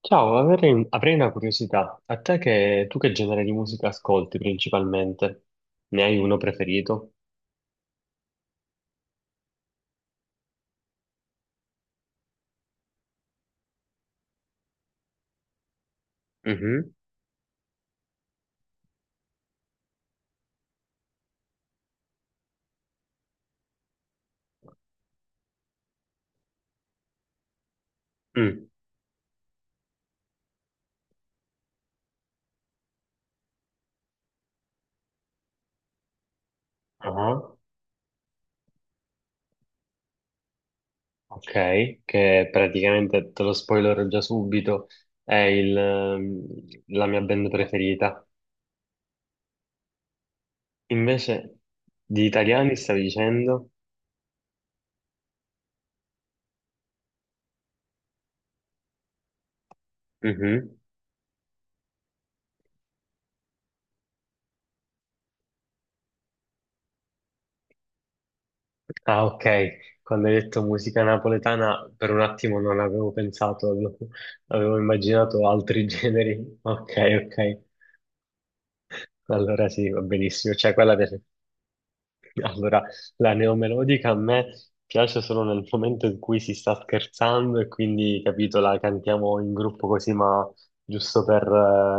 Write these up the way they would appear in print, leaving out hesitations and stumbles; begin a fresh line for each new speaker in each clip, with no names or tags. Ciao, avrei una curiosità. Tu che genere di musica ascolti principalmente? Ne hai uno preferito? Mhm. Mm. Ah, ok, che praticamente te lo spoilerò già subito, è la mia band preferita. Invece, di italiani stavi dicendo? Mhm. Ah, ok. Quando hai detto musica napoletana, per un attimo non avevo pensato, avevo immaginato altri generi. Ok, ok. Allora sì, va benissimo. Cioè, allora, la neomelodica a me piace solo nel momento in cui si sta scherzando e quindi, capito, la cantiamo in gruppo così, ma giusto per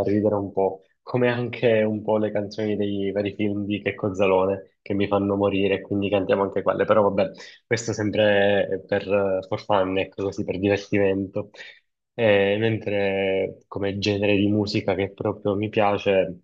ridere un po'. Come anche un po' le canzoni dei vari film di Checco Zalone, che mi fanno morire, quindi cantiamo anche quelle. Però vabbè, questo sempre è per for fun, ecco, così per divertimento. Mentre come genere di musica che proprio mi piace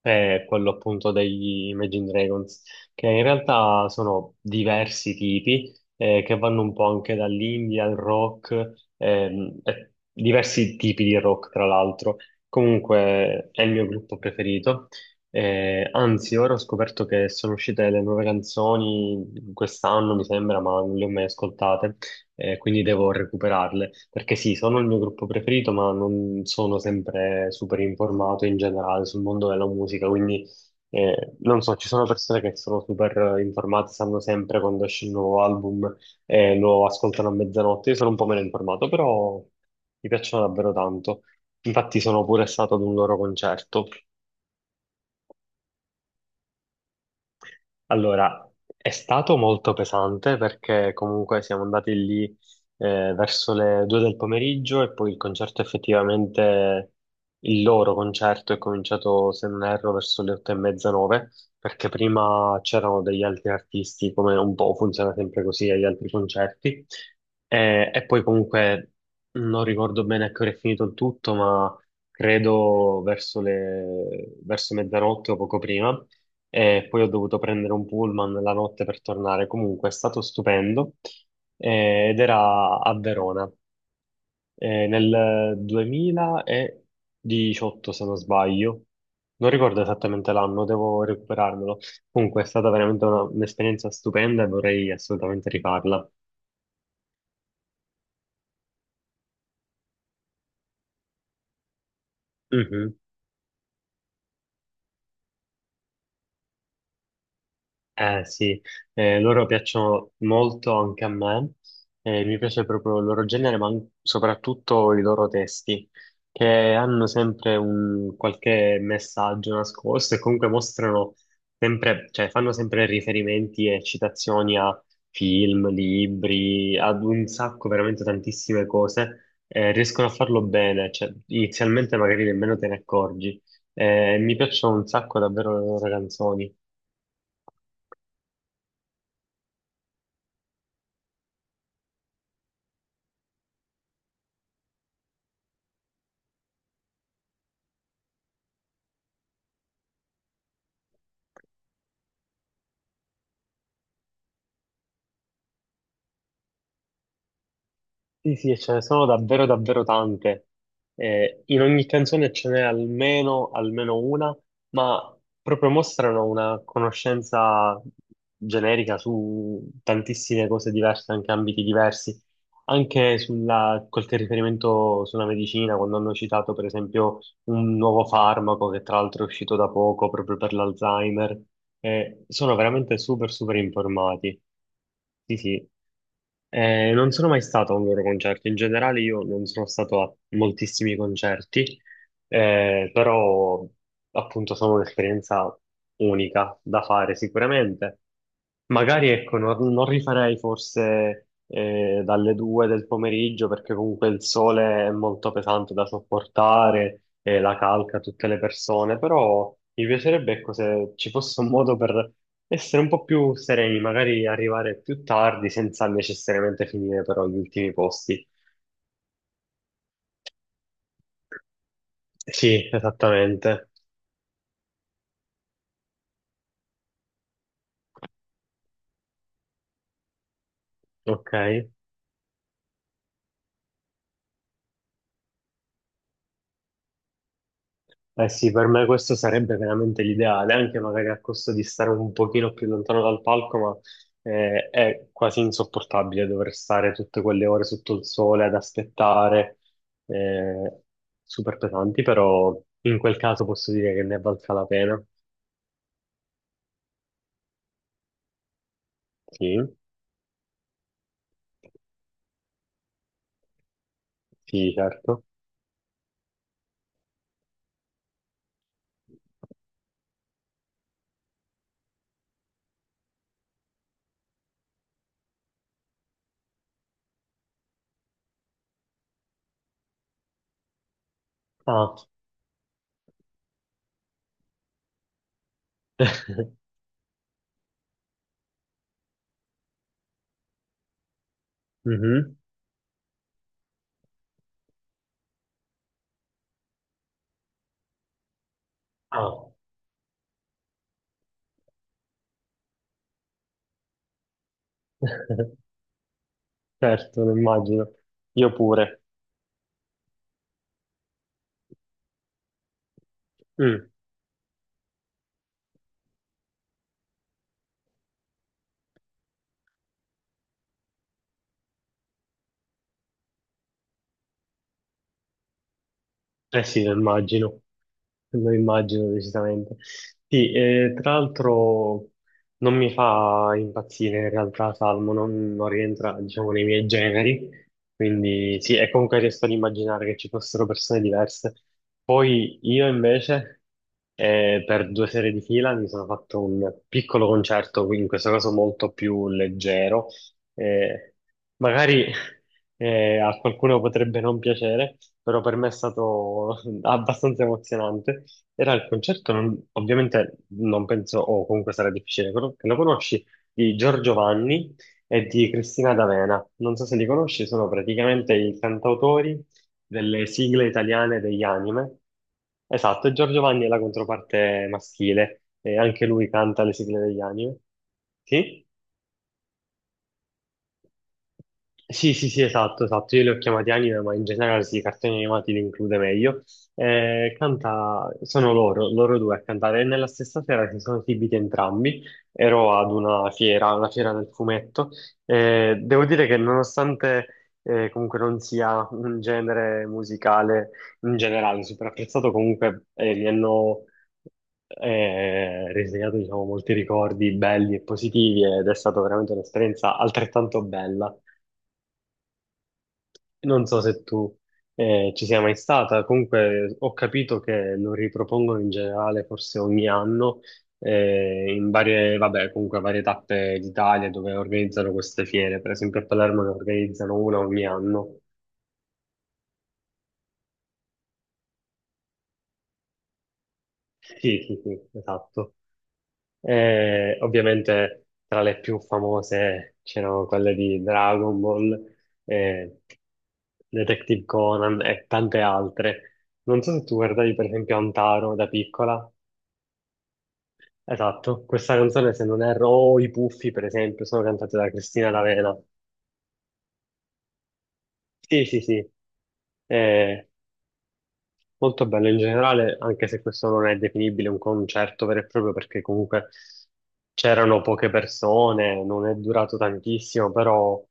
è quello appunto degli Imagine Dragons, che in realtà sono diversi tipi, che vanno un po' anche dall'indie al rock, e diversi tipi di rock, tra l'altro. Comunque è il mio gruppo preferito. Anzi, ora ho scoperto che sono uscite le nuove canzoni quest'anno, mi sembra, ma non le ho mai ascoltate, quindi devo recuperarle. Perché sì, sono il mio gruppo preferito, ma non sono sempre super informato in generale sul mondo della musica, quindi non so, ci sono persone che sono super informate, sanno sempre quando esce il nuovo album e lo ascoltano a mezzanotte. Io sono un po' meno informato, però mi piacciono davvero tanto. Infatti sono pure stato ad un loro concerto. Allora, è stato molto pesante perché comunque siamo andati lì verso le 2 del pomeriggio, e poi il loro concerto è cominciato, se non erro, verso le 8:30, 9, perché prima c'erano degli altri artisti, come un po' funziona sempre così agli altri concerti. E poi comunque non ricordo bene a che ora è finito il tutto, ma credo verso mezzanotte o poco prima, e poi ho dovuto prendere un pullman la notte per tornare. Comunque è stato stupendo, ed era a Verona nel 2018, se non sbaglio. Non ricordo esattamente l'anno, devo recuperarmelo. Comunque è stata veramente un'esperienza stupenda e vorrei assolutamente rifarla. Mhm. Eh sì, loro piacciono molto anche a me, mi piace proprio il loro genere, ma soprattutto i loro testi, che hanno sempre un qualche messaggio nascosto e comunque mostrano sempre, cioè fanno sempre riferimenti e citazioni a film, libri, ad un sacco, veramente tantissime cose, riescono a farlo bene, cioè inizialmente magari nemmeno te ne accorgi. Mi piacciono un sacco davvero le loro canzoni. Sì, sì, e ce ne sono davvero, davvero tante. In ogni canzone ce n'è almeno, almeno una, ma proprio mostrano una conoscenza generica su tantissime cose diverse, anche ambiti diversi. Anche qualche riferimento sulla medicina, quando hanno citato, per esempio, un nuovo farmaco che tra l'altro è uscito da poco proprio per l'Alzheimer. Sono veramente super, super informati. Sì, sì. Non sono mai stato a un loro concerto. In generale, io non sono stato a moltissimi concerti, però appunto sono un'esperienza unica da fare sicuramente. Magari ecco, non rifarei forse dalle 2 del pomeriggio, perché comunque il sole è molto pesante da sopportare e la calca tutte le persone, però mi piacerebbe ecco, se ci fosse un modo per essere un po' più sereni, magari arrivare più tardi senza necessariamente finire però gli ultimi posti. Sì, esattamente. Ok. Eh sì, per me questo sarebbe veramente l'ideale, anche magari a costo di stare un pochino più lontano dal palco, ma è quasi insopportabile dover stare tutte quelle ore sotto il sole ad aspettare, eh, super pesanti, però in quel caso posso dire che ne valga la pena. Sì, sì, certo. Ah, mhm. Ah. Certo, lo immagino. Io pure. Mm. Eh sì, lo immagino decisamente. Sì, tra l'altro non mi fa impazzire in realtà Salmo, non rientra, diciamo, nei miei generi, quindi sì, e comunque riesco ad immaginare che ci fossero persone diverse. Poi io invece, per due serie di fila, mi sono fatto un piccolo concerto, quindi in questo caso molto più leggero, eh, magari a qualcuno potrebbe non piacere, però per me è stato abbastanza emozionante. Era il concerto, ovviamente non penso, o comunque sarà difficile che lo conosci, di Giorgio Vanni e di Cristina D'Avena. Non so se li conosci, sono praticamente i cantautori delle sigle italiane degli anime. Esatto, e Giorgio Vanni è la controparte maschile, e anche lui canta le sigle degli anime. Sì? Sì, sì, sì, esatto, esatto. Io li ho chiamati anime, ma in generale sì, i cartoni animati li include meglio. Sono loro, due a cantare. E nella stessa sera si sono esibiti entrambi. Ero ad una fiera del fumetto. Devo dire che nonostante comunque non sia un genere musicale in generale super apprezzato, comunque mi hanno risegnato, diciamo, molti ricordi belli e positivi, ed è stata veramente un'esperienza altrettanto bella. Non so se tu ci sia mai stata, comunque ho capito che lo ripropongono in generale forse ogni anno in vabbè, comunque varie tappe d'Italia dove organizzano queste fiere, per esempio a Palermo ne organizzano una ogni anno. Sì, sì, sì, esatto. Ovviamente tra le più famose c'erano quelle di Dragon Ball, eh, Detective Conan e tante altre. Non so se tu guardavi per esempio Antaro da piccola. Esatto, questa canzone, se non erro, o i Puffi per esempio, sono cantate da Cristina D'Avena. Sì, sì, sì, è molto bello in generale, anche se questo non è definibile un concerto vero e proprio, perché comunque c'erano poche persone, non è durato tantissimo, però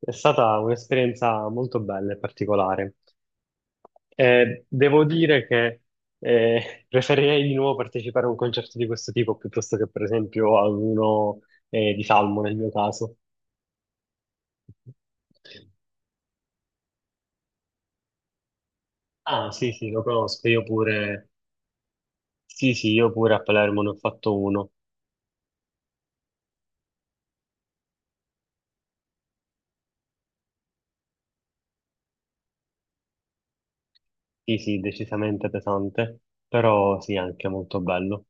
è stata un'esperienza molto bella e particolare. Devo dire che preferirei di nuovo partecipare a un concerto di questo tipo piuttosto che, per esempio, a uno di Salmo nel mio caso. Ah, sì, sì, lo conosco, io pure, sì, sì, io pure a Palermo ne ho fatto uno, sì, sì, decisamente pesante, però sì, anche molto bello.